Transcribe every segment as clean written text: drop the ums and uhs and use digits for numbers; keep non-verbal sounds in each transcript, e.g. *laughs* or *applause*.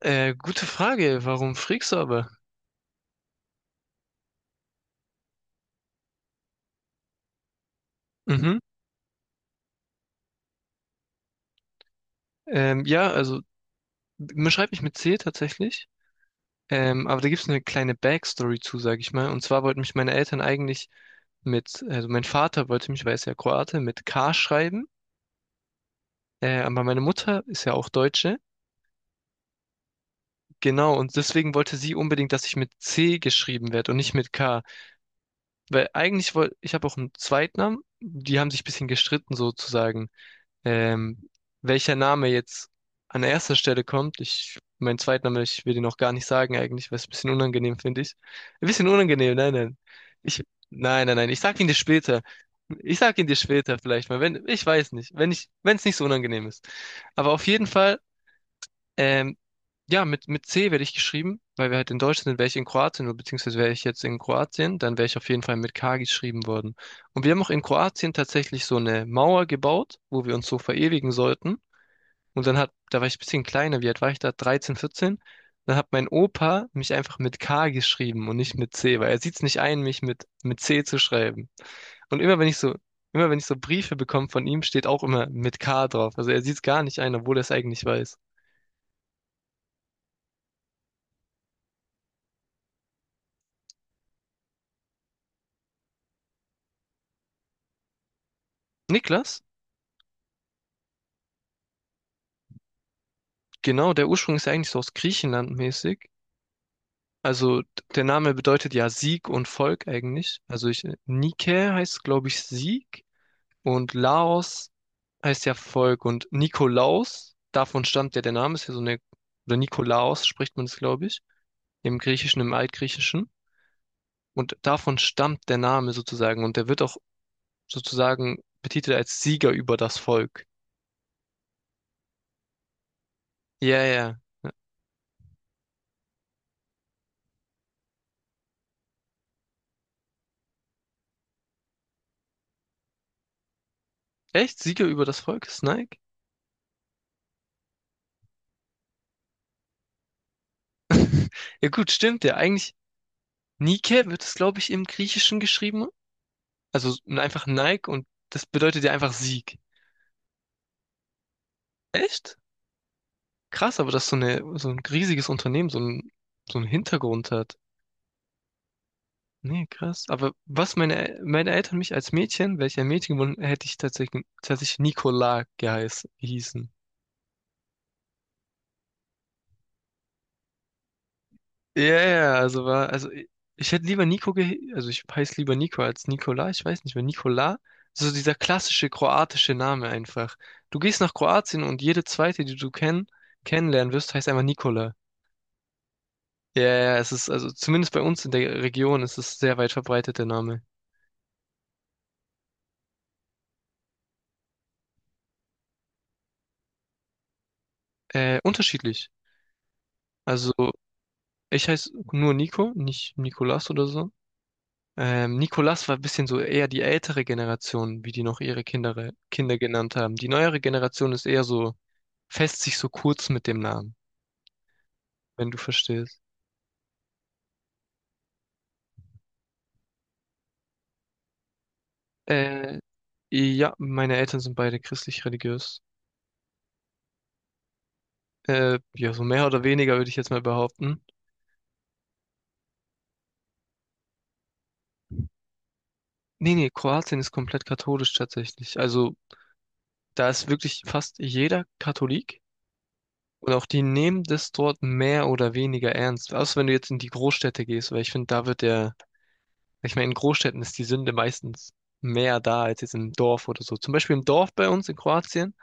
Gute Frage. Warum Freaks. Mhm. Ja, also man schreibt mich mit C tatsächlich. Aber da gibt es eine kleine Backstory zu, sag ich mal. Und zwar wollten mich meine Eltern eigentlich also mein Vater wollte mich, weil er ist ja Kroate, mit K schreiben. Aber meine Mutter ist ja auch Deutsche. Genau, und deswegen wollte sie unbedingt, dass ich mit C geschrieben werde und nicht mit K. Weil eigentlich wollte, ich habe auch einen Zweitnamen, die haben sich ein bisschen gestritten sozusagen. Ähm, Welcher Name jetzt an erster Stelle kommt, ich, mein Zweitname, ich will den auch gar nicht sagen eigentlich, weil es ein bisschen unangenehm finde ich. Ein bisschen unangenehm, nein, nein. Ich, nein, nein, nein, ich sag ihn dir später. Ich sag ihn dir später vielleicht mal, wenn, ich weiß nicht, wenn ich, wenn es nicht so unangenehm ist. Aber auf jeden Fall, ähm, ja, mit C werde ich geschrieben, weil wir halt in Deutschland sind. Wäre ich in Kroatien, oder beziehungsweise wäre ich jetzt in Kroatien, dann wäre ich auf jeden Fall mit K geschrieben worden. Und wir haben auch in Kroatien tatsächlich so eine Mauer gebaut, wo wir uns so verewigen sollten. Und dann hat, da war ich ein bisschen kleiner, wie alt war ich da? 13, 14. Dann hat mein Opa mich einfach mit K geschrieben und nicht mit C, weil er sieht es nicht ein, mich mit C zu schreiben. Und immer wenn ich so, immer wenn ich so Briefe bekomme von ihm, steht auch immer mit K drauf. Also er sieht es gar nicht ein, obwohl er es eigentlich weiß. Niklas? Genau, der Ursprung ist ja eigentlich so aus Griechenland mäßig. Also der Name bedeutet ja Sieg und Volk eigentlich. Also ich, Nike heißt, glaube ich, Sieg und Laos heißt ja Volk und Nikolaus, davon stammt ja der Name, ist ja so eine, oder Nikolaos spricht man es, glaube ich, im Griechischen, im Altgriechischen. Und davon stammt der Name sozusagen und der wird auch sozusagen betitelt als Sieger über das Volk. Ja, ja. Echt? Sieger über das Volk ist Nike? Ja gut, stimmt ja. Eigentlich Nike wird es, glaube ich, im Griechischen geschrieben. Also einfach Nike und das bedeutet ja einfach Sieg. Echt? Krass, aber dass so eine, so ein riesiges Unternehmen so ein, so einen Hintergrund hat. Nee, krass. Aber was meine, meine Eltern mich als Mädchen, welcher Mädchen gewonnen, hätte ich tatsächlich Nicola geheißen, hießen. Ja, ja, ja, also war, also ich hätte lieber Niko, ge also ich heiße lieber Niko als Nikola, ich weiß nicht, mehr Nikola, so dieser klassische kroatische Name einfach. Du gehst nach Kroatien und jede zweite, die du kennenlernen wirst, heißt einfach Nikola. Ja, ja, ja, es ist, also zumindest bei uns in der Region ist es sehr weit verbreitet, der Name. Unterschiedlich. Also ich heiße nur Nico, nicht Nikolas oder so. Nikolas war ein bisschen so eher die ältere Generation, wie die noch ihre Kinder genannt haben. Die neuere Generation ist eher so fässt sich so kurz mit dem Namen, wenn du verstehst. Äh, ja, meine Eltern sind beide christlich-religiös. Ja, so mehr oder weniger würde ich jetzt mal behaupten. Nee, nee, Kroatien ist komplett katholisch tatsächlich. Also da ist wirklich fast jeder Katholik und auch die nehmen das dort mehr oder weniger ernst. Außer wenn du jetzt in die Großstädte gehst, weil ich finde, da wird der, ich meine, in Großstädten ist die Sünde meistens mehr da als jetzt im Dorf oder so. Zum Beispiel im Dorf bei uns in Kroatien.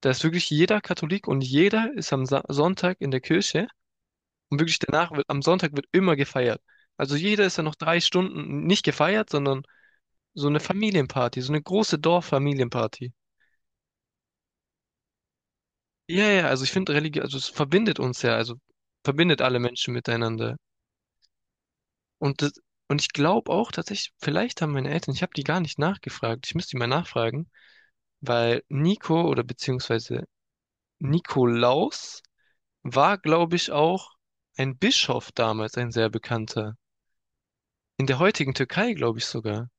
Da ist wirklich jeder Katholik und jeder ist am Sa Sonntag in der Kirche und wirklich danach wird, am Sonntag wird immer gefeiert. Also jeder ist ja noch 3 Stunden nicht gefeiert, sondern so eine Familienparty, so eine große Dorffamilienparty. Ja, ja, also ich finde Religion, also es verbindet uns ja, also verbindet alle Menschen miteinander. Und das, und ich glaube auch tatsächlich, vielleicht haben meine Eltern, ich habe die gar nicht nachgefragt, ich müsste die mal nachfragen, weil Nico oder beziehungsweise Nikolaus war, glaube ich, auch ein Bischof damals, ein sehr bekannter. In der heutigen Türkei, glaube ich sogar.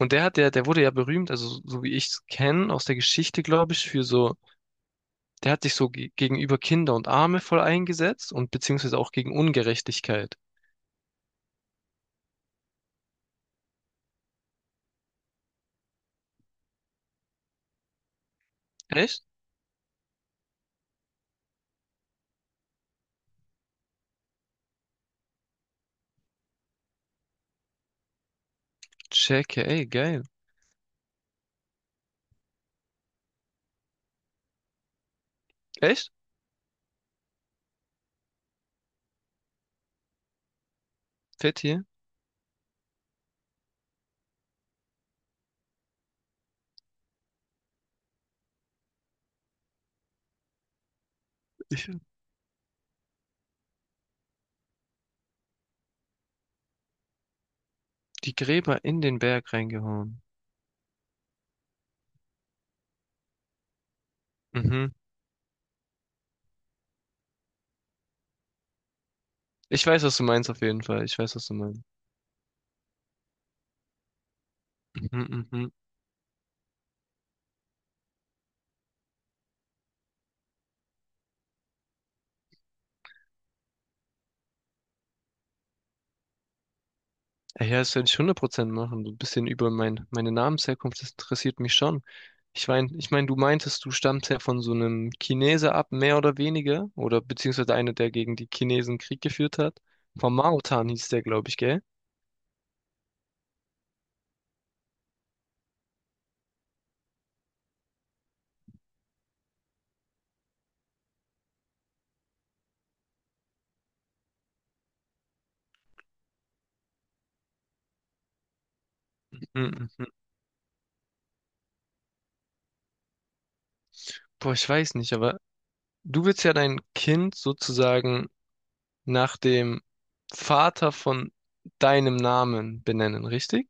Und der hat ja, der wurde ja berühmt, also so wie ich es kenne aus der Geschichte, glaube ich, für so, der hat sich so ge gegenüber Kinder und Arme voll eingesetzt und beziehungsweise auch gegen Ungerechtigkeit. Echt? Checke, ey, geil. Echt? Fett hier. Ich, die Gräber in den Berg reingehauen. Mhm. Ich weiß, was du meinst, auf jeden Fall. Ich weiß, was du meinst. Mhm, mhm. Ja, das werde ich 100% machen. So ein bisschen über mein, meine Namensherkunft, das interessiert mich schon. Ich meine, du meintest, du stammst ja von so einem Chineser ab, mehr oder weniger, oder beziehungsweise einer, der gegen die Chinesen Krieg geführt hat. Von Mao Tan hieß der, glaube ich, gell? Mhm. Boah, ich weiß nicht, aber du willst ja dein Kind sozusagen nach dem Vater von deinem Namen benennen, richtig?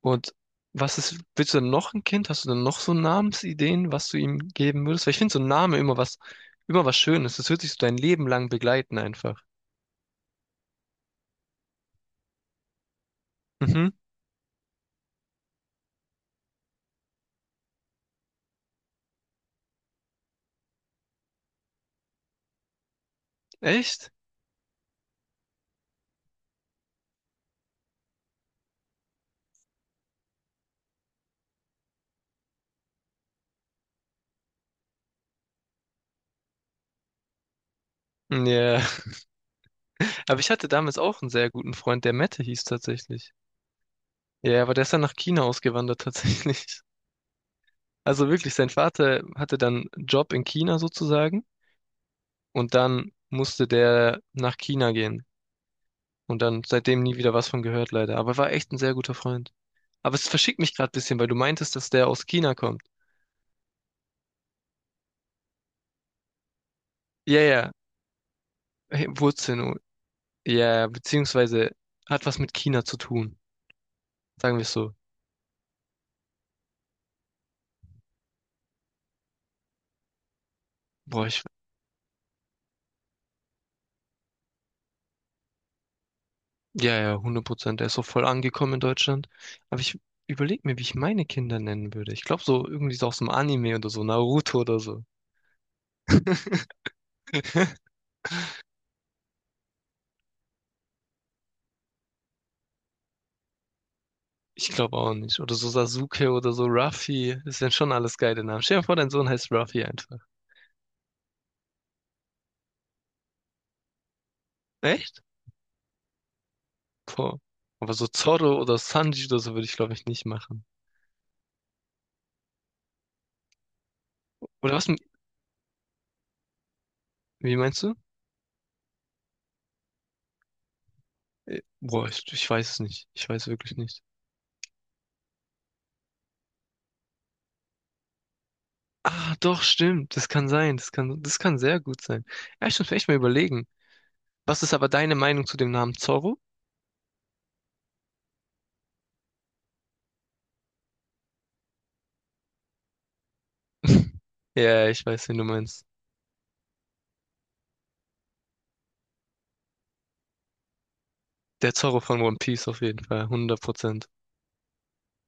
Und was ist, willst du denn noch ein Kind? Hast du denn noch so Namensideen, was du ihm geben würdest? Weil ich finde so ein Name immer was, Schönes. Das wird dich so dein Leben lang begleiten einfach. Mhm. Echt? Ja. Aber ich hatte damals auch einen sehr guten Freund, der Mette hieß tatsächlich. Ja, aber der ist dann nach China ausgewandert *laughs* tatsächlich. Also wirklich, sein Vater hatte dann einen Job in China sozusagen und dann musste der nach China gehen. Und dann seitdem nie wieder was von gehört, leider. Aber war echt ein sehr guter Freund. Aber es verschickt mich gerade ein bisschen, weil du meintest, dass der aus China kommt. Ja, ja, hey, Wurzeln. Oh, ja, ja, beziehungsweise hat was mit China zu tun. Sagen wir es so. Boah, ich, ja, ja, 100%. Der ist so voll angekommen in Deutschland. Aber ich überlege mir, wie ich meine Kinder nennen würde. Ich glaube so irgendwie so aus dem Anime oder so, Naruto oder so. *laughs* Ich glaube auch nicht. Oder so Sasuke oder so Ruffy. Das sind schon alles geile Namen. Stell dir mal vor, dein Sohn heißt Ruffy einfach. Echt? Boah. Aber so Zorro oder Sanji oder so würde ich, glaube ich, nicht machen. Oder was? Wie meinst du? Boah, ich weiß es nicht. Ich weiß wirklich nicht. Ah, doch, stimmt. Das kann sein. Das kann sehr gut sein. Ja, ich muss mir echt mal überlegen. Was ist aber deine Meinung zu dem Namen Zorro? *laughs* Ja, ich weiß, wen du meinst. Der Zorro von One Piece auf jeden Fall. 100%.